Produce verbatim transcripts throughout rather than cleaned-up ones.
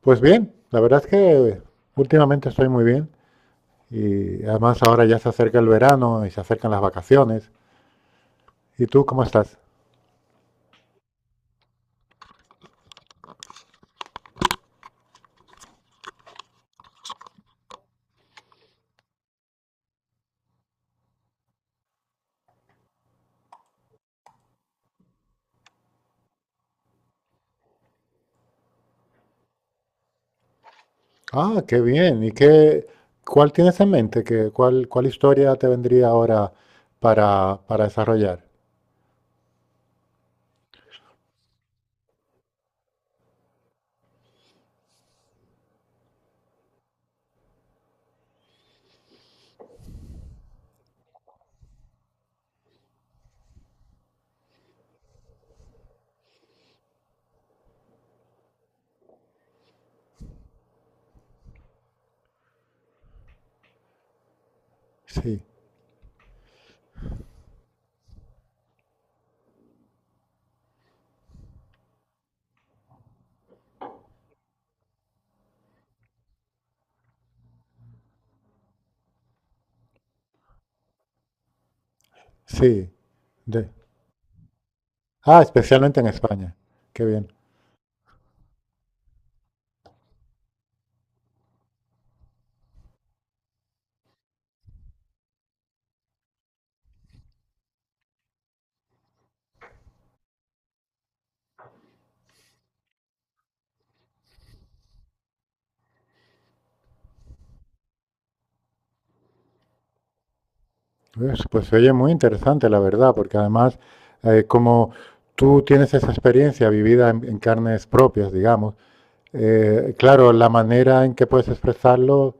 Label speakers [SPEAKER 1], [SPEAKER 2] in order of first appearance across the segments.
[SPEAKER 1] Pues bien, la verdad es que últimamente estoy muy bien y además ahora ya se acerca el verano y se acercan las vacaciones. ¿Y tú cómo estás? Ah, qué bien. ¿Y qué, cuál tienes en mente? ¿Qué, cuál, cuál historia te vendría ahora para, para desarrollar? Sí, sí. de- Ah, especialmente en España. Qué bien. Pues, pues se oye muy interesante, la verdad, porque además, eh, como tú tienes esa experiencia vivida en, en carnes propias, digamos. Eh, claro, la manera en que puedes expresarlo,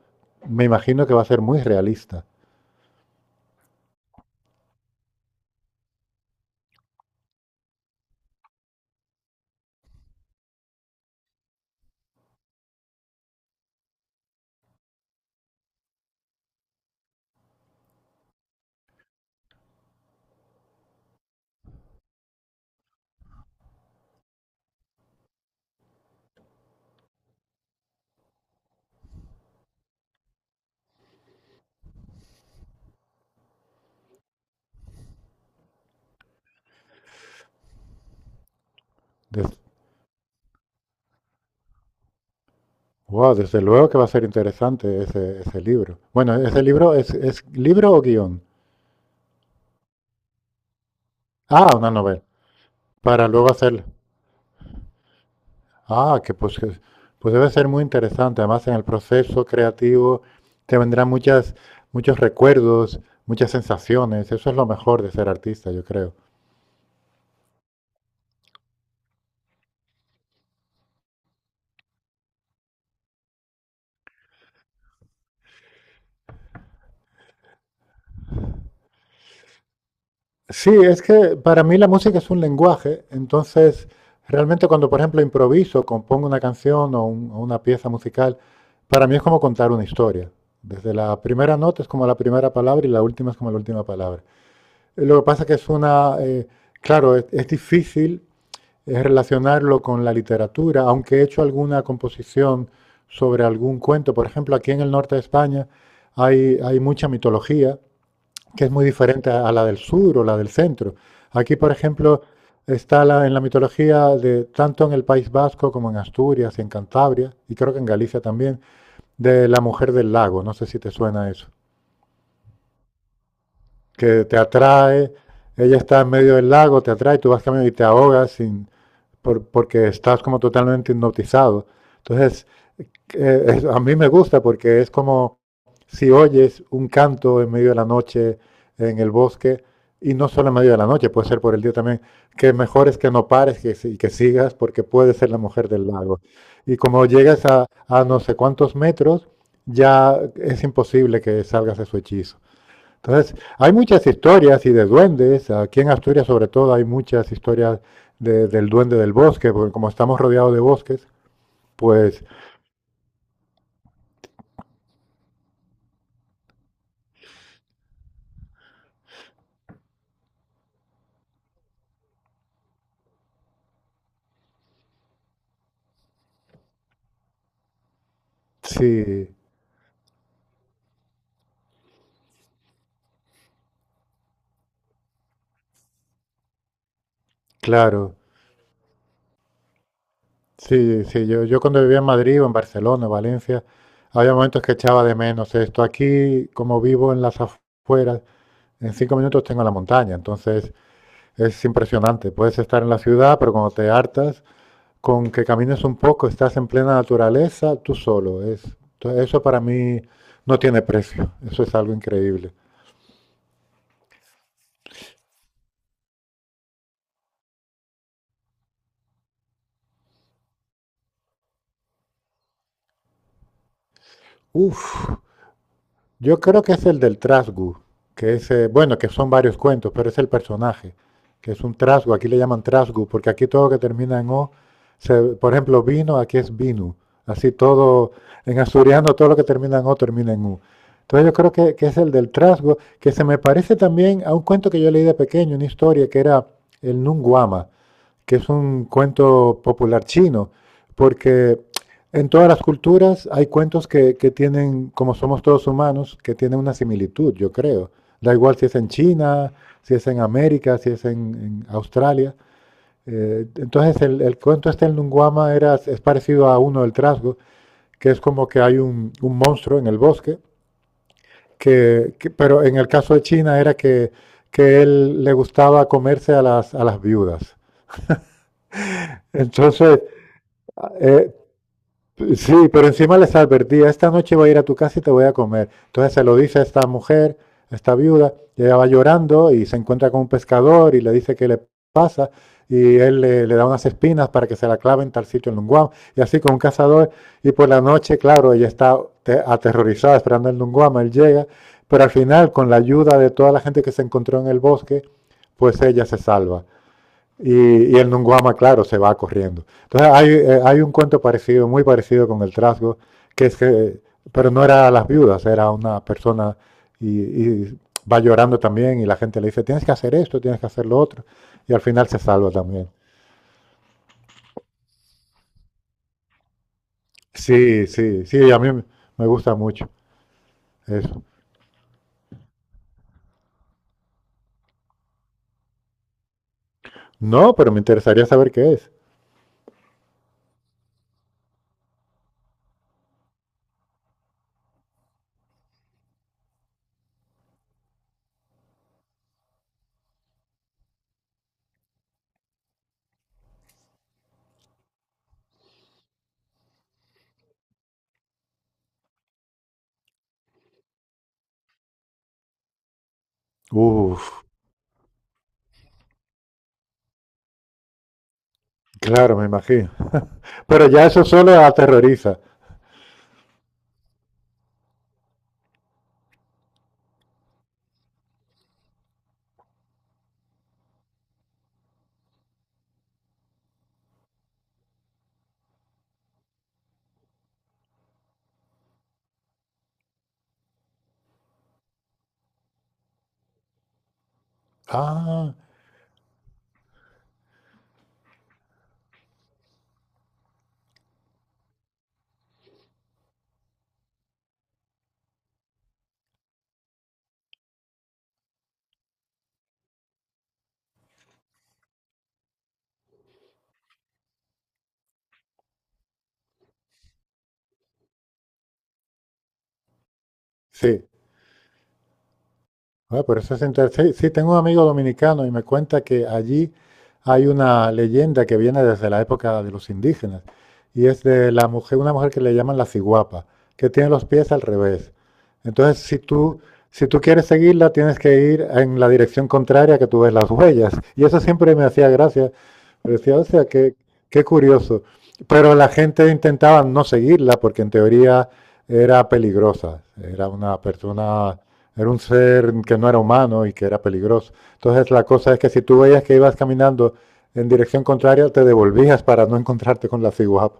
[SPEAKER 1] me imagino que va a ser muy realista. Des- wow, desde luego que va a ser interesante ese, ese libro. Bueno, ese libro es, es libro o guión. Ah, una novela. Para luego hacer. Ah, que pues, que- pues debe ser muy interesante. Además, en el proceso creativo te vendrán muchas, muchos recuerdos, muchas sensaciones. Eso es lo mejor de ser artista, yo creo. Sí, es que para mí la música es un lenguaje, entonces realmente cuando por ejemplo improviso, compongo una canción o, un- o una pieza musical, para mí es como contar una historia. Desde la primera nota es como la primera palabra y la última es como la última palabra. Eh, Lo que pasa que es una, eh, claro, es, es difícil eh, relacionarlo con la literatura, aunque he hecho alguna composición sobre algún cuento. Por ejemplo, aquí en el norte de España hay, hay mucha mitología que es muy diferente a a la del sur o la del centro. Aquí, por ejemplo, está la- en la mitología de tanto en el País Vasco como en Asturias y en Cantabria, y creo que en Galicia también, de la mujer del lago. No sé si te suena eso. Que te atrae, ella está en medio del lago, te atrae, tú vas caminando y te ahogas sin, por- porque estás como totalmente hipnotizado. Entonces, eh, es- a mí me gusta porque es como si oyes un canto en medio de la noche en el bosque, y no solo en medio de la noche, puede ser por el día también, que mejor es que no pares que, si- que sigas porque puede ser la mujer del lago. Y como llegas a, a no sé cuántos metros, ya es imposible que salgas de su hechizo. Entonces, hay muchas historias y de duendes, aquí en Asturias sobre todo hay muchas historias de- del duende del bosque, porque como estamos rodeados de bosques, pues sí. Claro, sí, sí, yo, yo cuando vivía en Madrid o en Barcelona, Valencia, había momentos que echaba de menos esto. Aquí, como vivo en las afueras, en cinco minutos tengo la montaña, entonces es impresionante. Puedes estar en la ciudad, pero cuando te hartas, con que camines un poco, estás en plena naturaleza, tú solo. Es, to- eso para mí no tiene precio, eso es algo increíble. Uf, yo creo que es el del trasgu, que es, eh, bueno, que son varios cuentos, pero es el personaje, que es un trasgu, aquí le llaman trasgu, porque aquí todo que termina en O, se- por ejemplo, vino, aquí es vinu, así todo, en asturiano todo lo que termina en O termina en U. Entonces yo creo que, que es el del Trasgu que se me parece también a un cuento que yo leí de pequeño, una historia que era el Nunguama, que es un cuento popular chino, porque en todas las culturas hay cuentos que, que tienen, como somos todos humanos, que tienen una similitud, yo creo. Da igual si es en China, si es en América, si es en, en Australia. Eh, entonces el, el cuento este en Lunguama era, es parecido a uno del trasgo, que es como que hay un, un monstruo en el bosque, que, que- pero en el caso de China era que, que él le gustaba comerse a las, a las viudas. Entonces, eh, sí, pero encima les advertía, esta noche voy a ir a tu casa y te voy a comer. Entonces se lo dice a esta mujer, a esta viuda, y ella va llorando y se encuentra con un pescador y le dice qué le pasa y él le, le da unas espinas para que se la clave en tal sitio en Lunguam y así con un cazador y por la noche, claro, ella está te- aterrorizada esperando el Lunguam, él llega, pero al final con la ayuda de toda la gente que se encontró en el bosque, pues ella se salva. Y, y, el Nunguama, claro, se va corriendo. Entonces hay, eh, hay, un cuento parecido, muy parecido con el trasgo, que es que, pero no era a las viudas, era una persona y, y, va llorando también y la gente le dice, tienes que hacer esto, tienes que hacer lo otro, y al final se salva también. Sí, sí, sí, a mí me me gusta mucho eso. No, pero me interesaría saber qué es. Uf, claro, me imagino. Pero ya eso solo aterroriza. Ah, sí. Ah, pero eso es interesante. Sí, sí, tengo un amigo dominicano y me cuenta que allí hay una leyenda que viene desde la época de los indígenas y es de la mujer, una mujer que le llaman la ciguapa, que tiene los pies al revés. Entonces, si tú, si tú quieres seguirla, tienes que ir en la dirección contraria que tú ves las huellas. Y eso siempre me hacía gracia. Pero decía, o sea, qué, qué curioso. Pero la gente intentaba no seguirla porque en teoría era peligrosa. Era una persona Era un ser que no era humano y que era peligroso. Entonces la cosa es que si tú veías que ibas caminando en dirección contraria, te devolvías para no encontrarte con la ciguapa.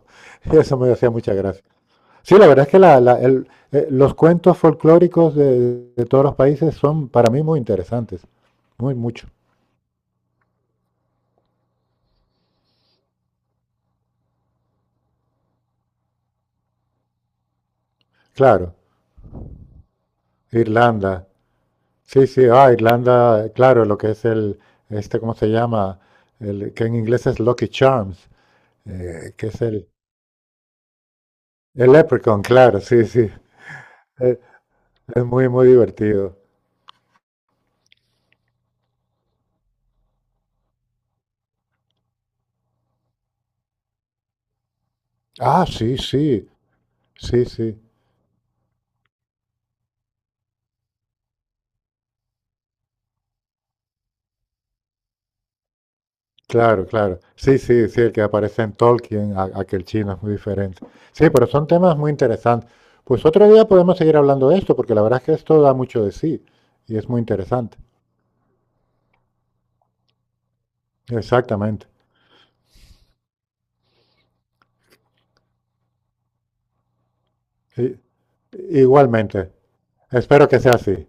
[SPEAKER 1] Y eso me hacía mucha gracia. Sí, la verdad es que la- la- el- eh, los cuentos folclóricos de, de todos los países son para mí muy interesantes. Muy mucho. Claro, Irlanda. Sí, sí, ah, Irlanda, claro, lo que es el, este, ¿cómo se llama? El, que en inglés es Lucky Charms, eh, que es el, el leprechaun, claro, sí, sí. Eh, Es muy, muy divertido. Ah, sí, sí, sí, sí. Claro, claro. Sí, sí, sí, el que aparece en Tolkien, a- aquel chino es muy diferente. Sí, pero son temas muy interesantes. Pues otro día podemos seguir hablando de esto, porque la verdad es que esto da mucho de sí y es muy interesante. Exactamente. I- Igualmente. Espero que sea así.